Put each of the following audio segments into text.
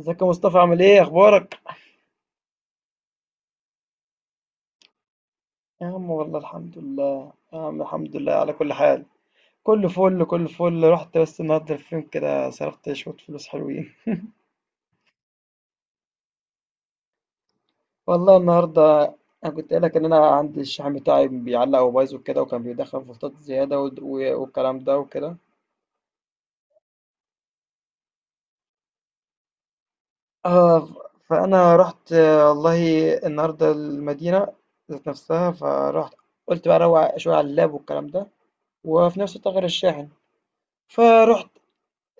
ازيك يا مصطفى عامل ايه اخبارك؟ يا عم والله الحمد لله يا عم الحمد لله على كل حال. كله فل. رحت بس النهارده الفيلم كده صرفت شويه فلوس حلوين. والله النهارده انا كنت قايل لك ان انا عندي الشحن بتاعي بيعلق وبايظ وكده وكان بيدخل فولتات زياده والكلام ده وكده. اه فانا رحت والله النهارده المدينه ذات نفسها فرحت، قلت بقى اروق شويه على اللاب والكلام ده، وفي نفس الوقت اغير الشاحن. فرحت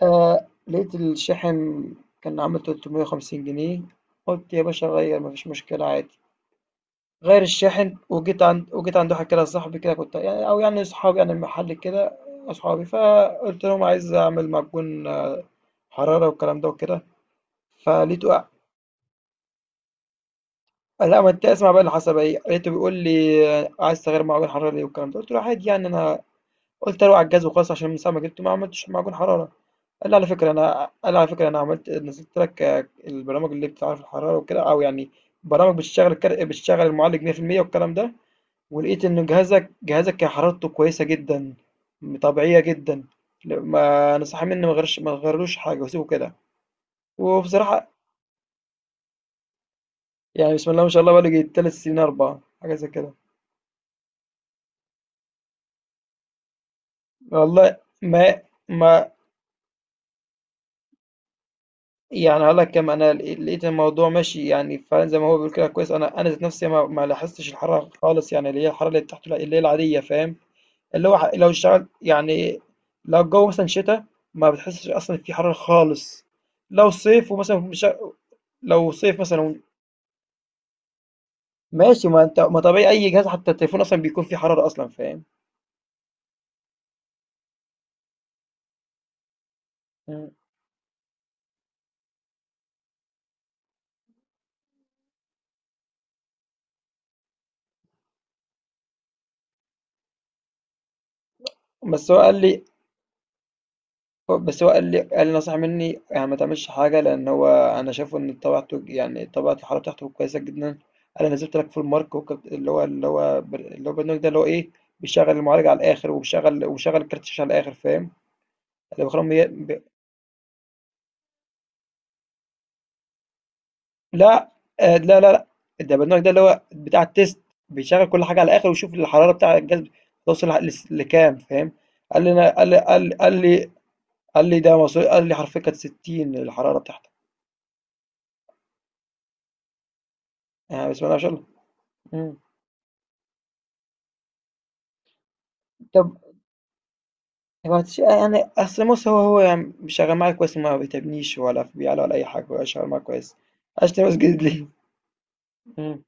آه لقيت الشاحن كان عامل 350 جنيه. قلت يا باشا غير مفيش مشكلة عادي، غير الشاحن. وجيت عند واحد كده صاحبي كده، كنت يعني أو يعني صحابي يعني المحل كده أصحابي، فقلت لهم عايز أعمل معجون حرارة والكلام ده وكده. فلقيته قا- لا ما انت اسمع بقى اللي حصل بقى ايه. لقيته بيقول لي عايز تغير معجون حرارة ليه والكلام ده، قلت له عادي يعني أنا قلت اروح على الجهاز وخلاص عشان من ساعة ما جبته ما عملتش معجون حرارة. قال لي على فكرة أنا عملت نزلت لك البرامج اللي بتعرف الحرارة وكده أو يعني برامج بتشتغل المعالج 100% والكلام ده، ولقيت إن جهازك كان حرارته كويسة جدا، طبيعية جدا. ما نصح مني، ما غيرش، ما غيرلوش حاجة وسيبه كده. وبصراحة يعني بسم الله ما شاء الله بقالي تلات سنين أربعة حاجة زي كده. والله ما ما يعني هاقول لك كام. أنا لقيت الموضوع ماشي يعني فعلًا زي ما هو بيقول، كده كويس. أنا ذات نفسي ما ما لاحظتش الحرارة خالص، يعني اللي هي الحرارة اللي تحت اللي هي العادية، فاهم، اللي هو ح لو اشتغلت يعني. لو الجو مثلًا شتا ما بتحسش أصلًا في حرارة خالص. لو صيف ومثلًا مش ع لو صيف مثلًا ماشي. ما أنت ما طبيعي أي جهاز حتى التليفون أصلًا بيكون فيه حرارة أصلًا، فاهم. إمم، بس هو قال لي، قال لي نصح مني يعني ما تعملش حاجة، لأن هو أنا شايفه إن طبيعته يعني طبيعة الحالة بتاعته كويسة جدا. أنا نزلت لك فول مارك اللي هو البرنامج ده اللي هو إيه، بيشغل المعالج على الآخر وبيشغل الكارت الشاشة على الآخر، فاهم. اللي بخرم ي... ب... لا لا. ده البرنامج ده اللي هو بتاع التيست، بيشغل كل حاجة على الآخر ويشوف الحرارة بتاع الجهاز توصل لكام، فاهم. قال لي أنا قال لي قال لي قال لي قال لي ده مصري، قال لي حرفيا كانت 60 الحرارة بتاعتك. يعني بسم الله ما شاء الله. مم. طب هو يعني اصل بص، هو يعني شغال معايا كويس، ما بيتعبنيش ولا في بيعلى ولا اي حاجه، هو شغال معايا كويس، اشتري بس جديد ليه؟ مم.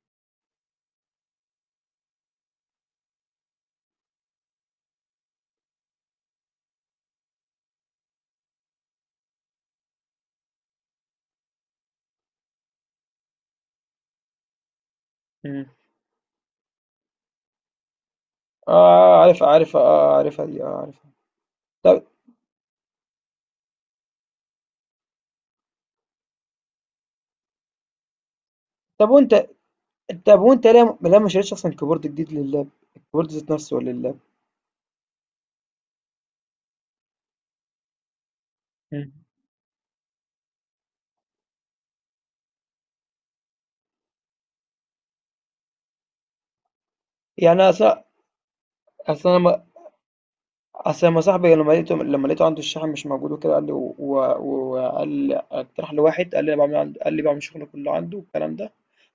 مم. اه عارف اه عارفها دي اه عارفها. طب طب وانت طب وانت ليه ما شريتش اصلا كيبورد جديد لللاب، الكيبورد ذات نفسه لللاب. مم. يعني اصلا لما اصلا لما صاحبي لما لقيته عنده الشاحن مش موجود وكده، قال لي وقال اقترح لي واحد، قال لي قال لي بعمل شغل كله عنده والكلام ده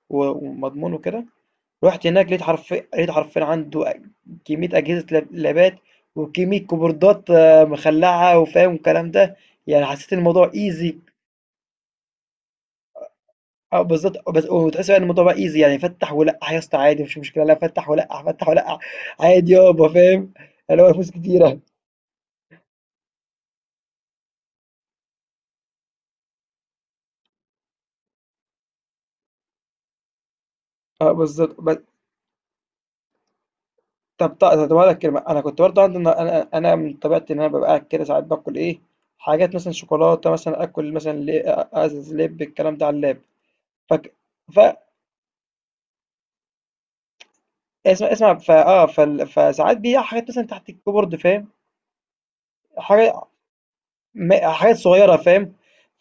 ومضمون وكده. رحت هناك لقيت حرفيا عنده كمية أجهزة لابات، وكمية كيبوردات مخلعة، وفاهم الكلام ده. يعني حسيت إن الموضوع ايزي، أو بالظبط. وتحس بقى إن الموضوع بقى ايزي، يعني فتح ولقح يا اسطى عادي مفيش مشكلة، لا فتح ولقح فتح ولقح. عادي يابا فاهم، اللي هو فلوس كتيرة. اه بالظبط. طب أقول لك كلمة. أنا كنت برضه عندي، أنا من طبيعتي إن أنا ببقى قاعد كده ساعات باكل إيه، حاجات مثلا شوكولاتة، مثلا آكل مثلا أزز لب، الكلام ده على اللاب. فك... اسمع اسمع فساعات بيقع حاجات مثلا تحت الكيبورد، فاهم، حاجه، حاجات صغيره فاهم.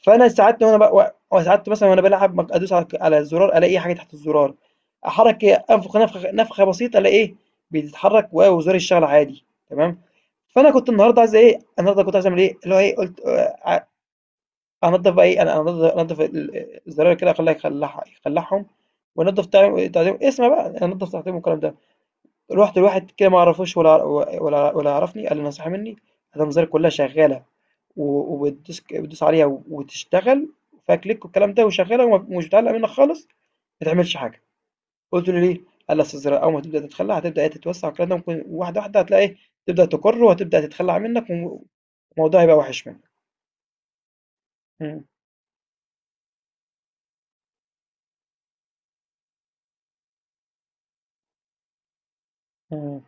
فانا ساعات وانا بق... ساعات مثلا وانا بلعب ممكن ادوس على الزرار، الاقي حاجه تحت الزرار، احرك انفخ نفخه بسيطه، الاقي ايه بيتحرك، وزرار الشغل عادي تمام. فانا كنت النهارده عايز ايه النهارده كنت عايز اعمل ايه، اللي هو ايه، قلت انضف بقى ايه. انا الزرار كده، اخليها يخلعها يخلعهم، وانضف تعليم. اسمع بقى، انضف تعليم والكلام ده. رُحت لواحد كده ما أعرفوش ولا ولا يعرفني. قال لي نصيحة مني، الأنظار كلها شغالة، و وبتدوس ك بتدوس عليها وتشتغل وفيها كليك والكلام ده، وشغالة ومش بتعلق منك خالص، ما تعملش حاجة. قلت له: "ليه؟" قال لي: "أصل الزراعة أول ما تبدأ تتخلى هتبدأ إيه تتوسع والكلام ده، ممكن واحدة، واحدة هتلاقي إيه تبدأ تُكُر، وهتبدأ تتخلى عن منك و والموضوع هيبقى وِحِش منك." إمم، إمم،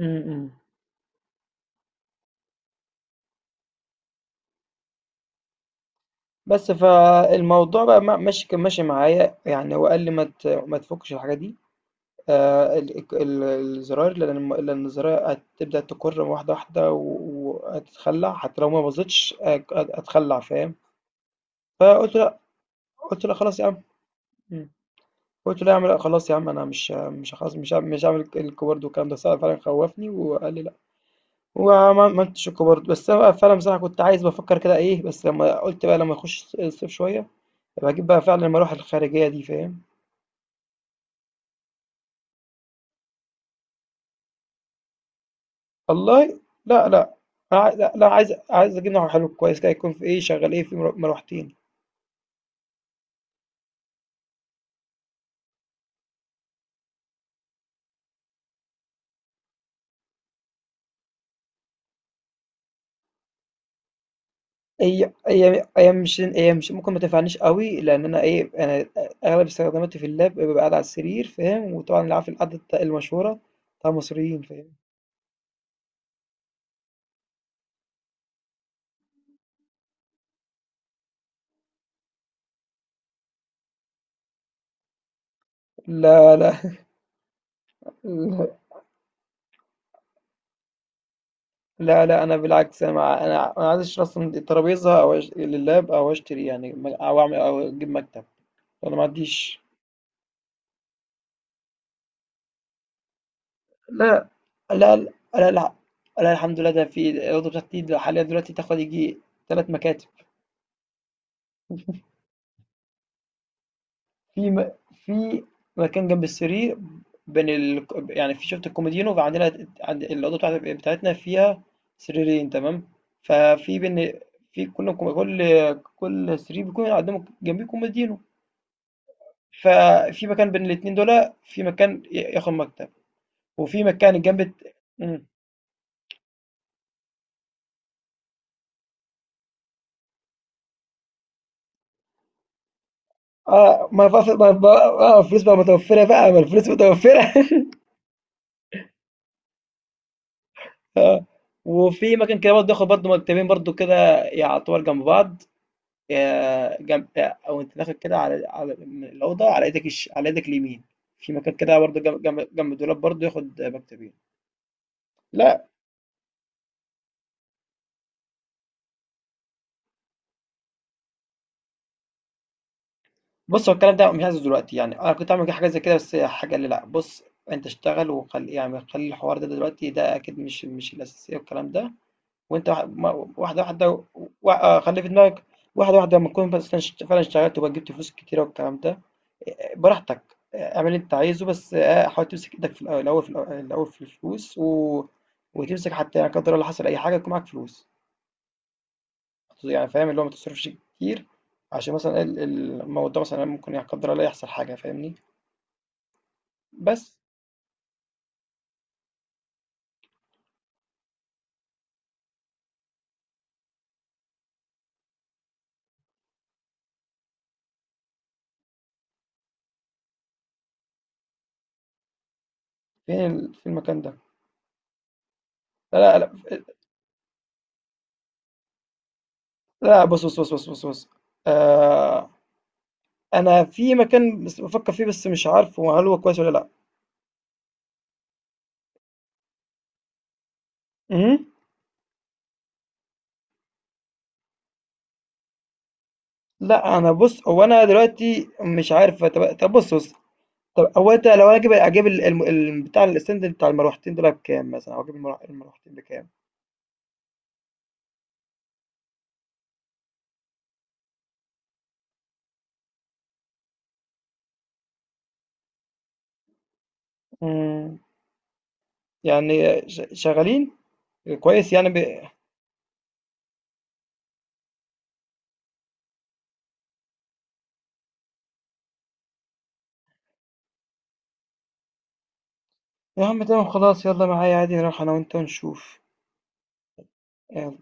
إمم. بس فالموضوع بقى ما ماشي كان ماشي معايا، يعني هو قال لي: ما تفكش الحاجة دي." آه، الزراير، لان الزراير هتبدأ تكر واحدة واحدة وهتتخلع، حتى لو ما باظتش اتخلع، فاهم. فقلت لا، قلت لا خلاص يا عم. مم. قلت له يا عم لا خلاص يا عم، انا مش هعمل الكوبرد والكلام ده، صراحة فعلا خوفني وقال لي لا. وما ما عملتش الكوبرد، بس انا فعلا بصراحة كنت عايز، بفكر كده ايه، بس لما قلت بقى لما اخش الصيف شوية، بجيب بقى فعلا لما اروح الخارجية دي، فاهم. والله لا لا. لا عايز عايز اجيب نوع حلو كويس كده، يكون في ايه شغال ايه، في مروحتين. هي مش ممكن ما تنفعنيش قوي، لان انا انا اغلب استخداماتي في اللاب ببقى قاعد على السرير فاهم، وطبعا اللي عارف القعده المشهوره بتاع المصريين، فاهم. لا لا. لا لا، انا بالعكس، انا مع- انا انا عايز اشتري اصلا الترابيزه، لللاب، او اشتري يعني او اعمل او اجيب مكتب، انا ما عنديش. لا لا لا لا, لا لا. الحمد لله، ده في الأوضة بتاعتي ده حاليا دلوقتي تاخد يجي ثلاث مكاتب. في م... في مكان جنب السرير، يعني في شفت الكوميدينو، وعندنا عند الأوضة بتاعتنا فيها سريرين تمام. ففي بين في كل كل كل سرير بيكون قدامه جنبيه كوميدينو، ففي مكان بين الاتنين دول، في مكان ياخد مكتب، وفي مكان جنب الت- آه، ما بقى ف ما ب آه، الفلوس بقى متوفّرة بقى، ما الفلوس متوفّرة. آه، وفي مكان كده برضه آخد برضه مكتبين برضه كده يعتبر جنب بعض. جنب، وأنت داخل كده على من الأوضة على إيدك على إيدك اليمين، في مكان كده برضه جنب جنب الدولاب برضه ياخد مكتبين. لأ، بُص، هو الكلام ده مش عايزه دلوقتي يعني، أنا كنت هاعمل حاجة زي كده، بس الحاج قال لي لأ، بُص أنت اشتغل وخلّي يعني خلّي الحوار ده دلوقتي، ده أكيد مش الأساسية والكلام ده. وانت واحد- ما- واحده واحده، خلي في دماغك، واحده واحده لما تكون بس فعلا اشتغلت وبقى جبت فلوس كتيره والكلام ده. براحتك، اعمل اللي انت عايزه، بس حاول تمسك ايدك في الأول- الاول في الأول الأول في الفلوس، وتمسك حتى يعني قدر الله حصل اي حاجه يكون معاك فلوس، يعني فاهم اللي هو ما تصرفش كتير، عشان مثلا الموضوع مثلا ممكن يعني قدر الله يحصل حاجه فاهمني. بس فين في المكان ده؟ لا لا لا لا، بص. آه، أنا في مكان بس بافكّر فيه، بس مش عارفه هل هو كويس والّا لأ. اهم، لأ أنا بُص، هو أنا دلوقتي مش عارف. طب بُص، طب هو أنت، لو أنا أجيب أجيب ال الم ال بتاع الstand بتاع المروحتين دُولة بكام مثلًا، أو أجيب المروحتين بكام؟ إمم، يعني شغالين؟ كويس يعني ب. يا عم تمام خلاص يالّا معايا عادي نروح أنا وأنت ونشوف، يالّا.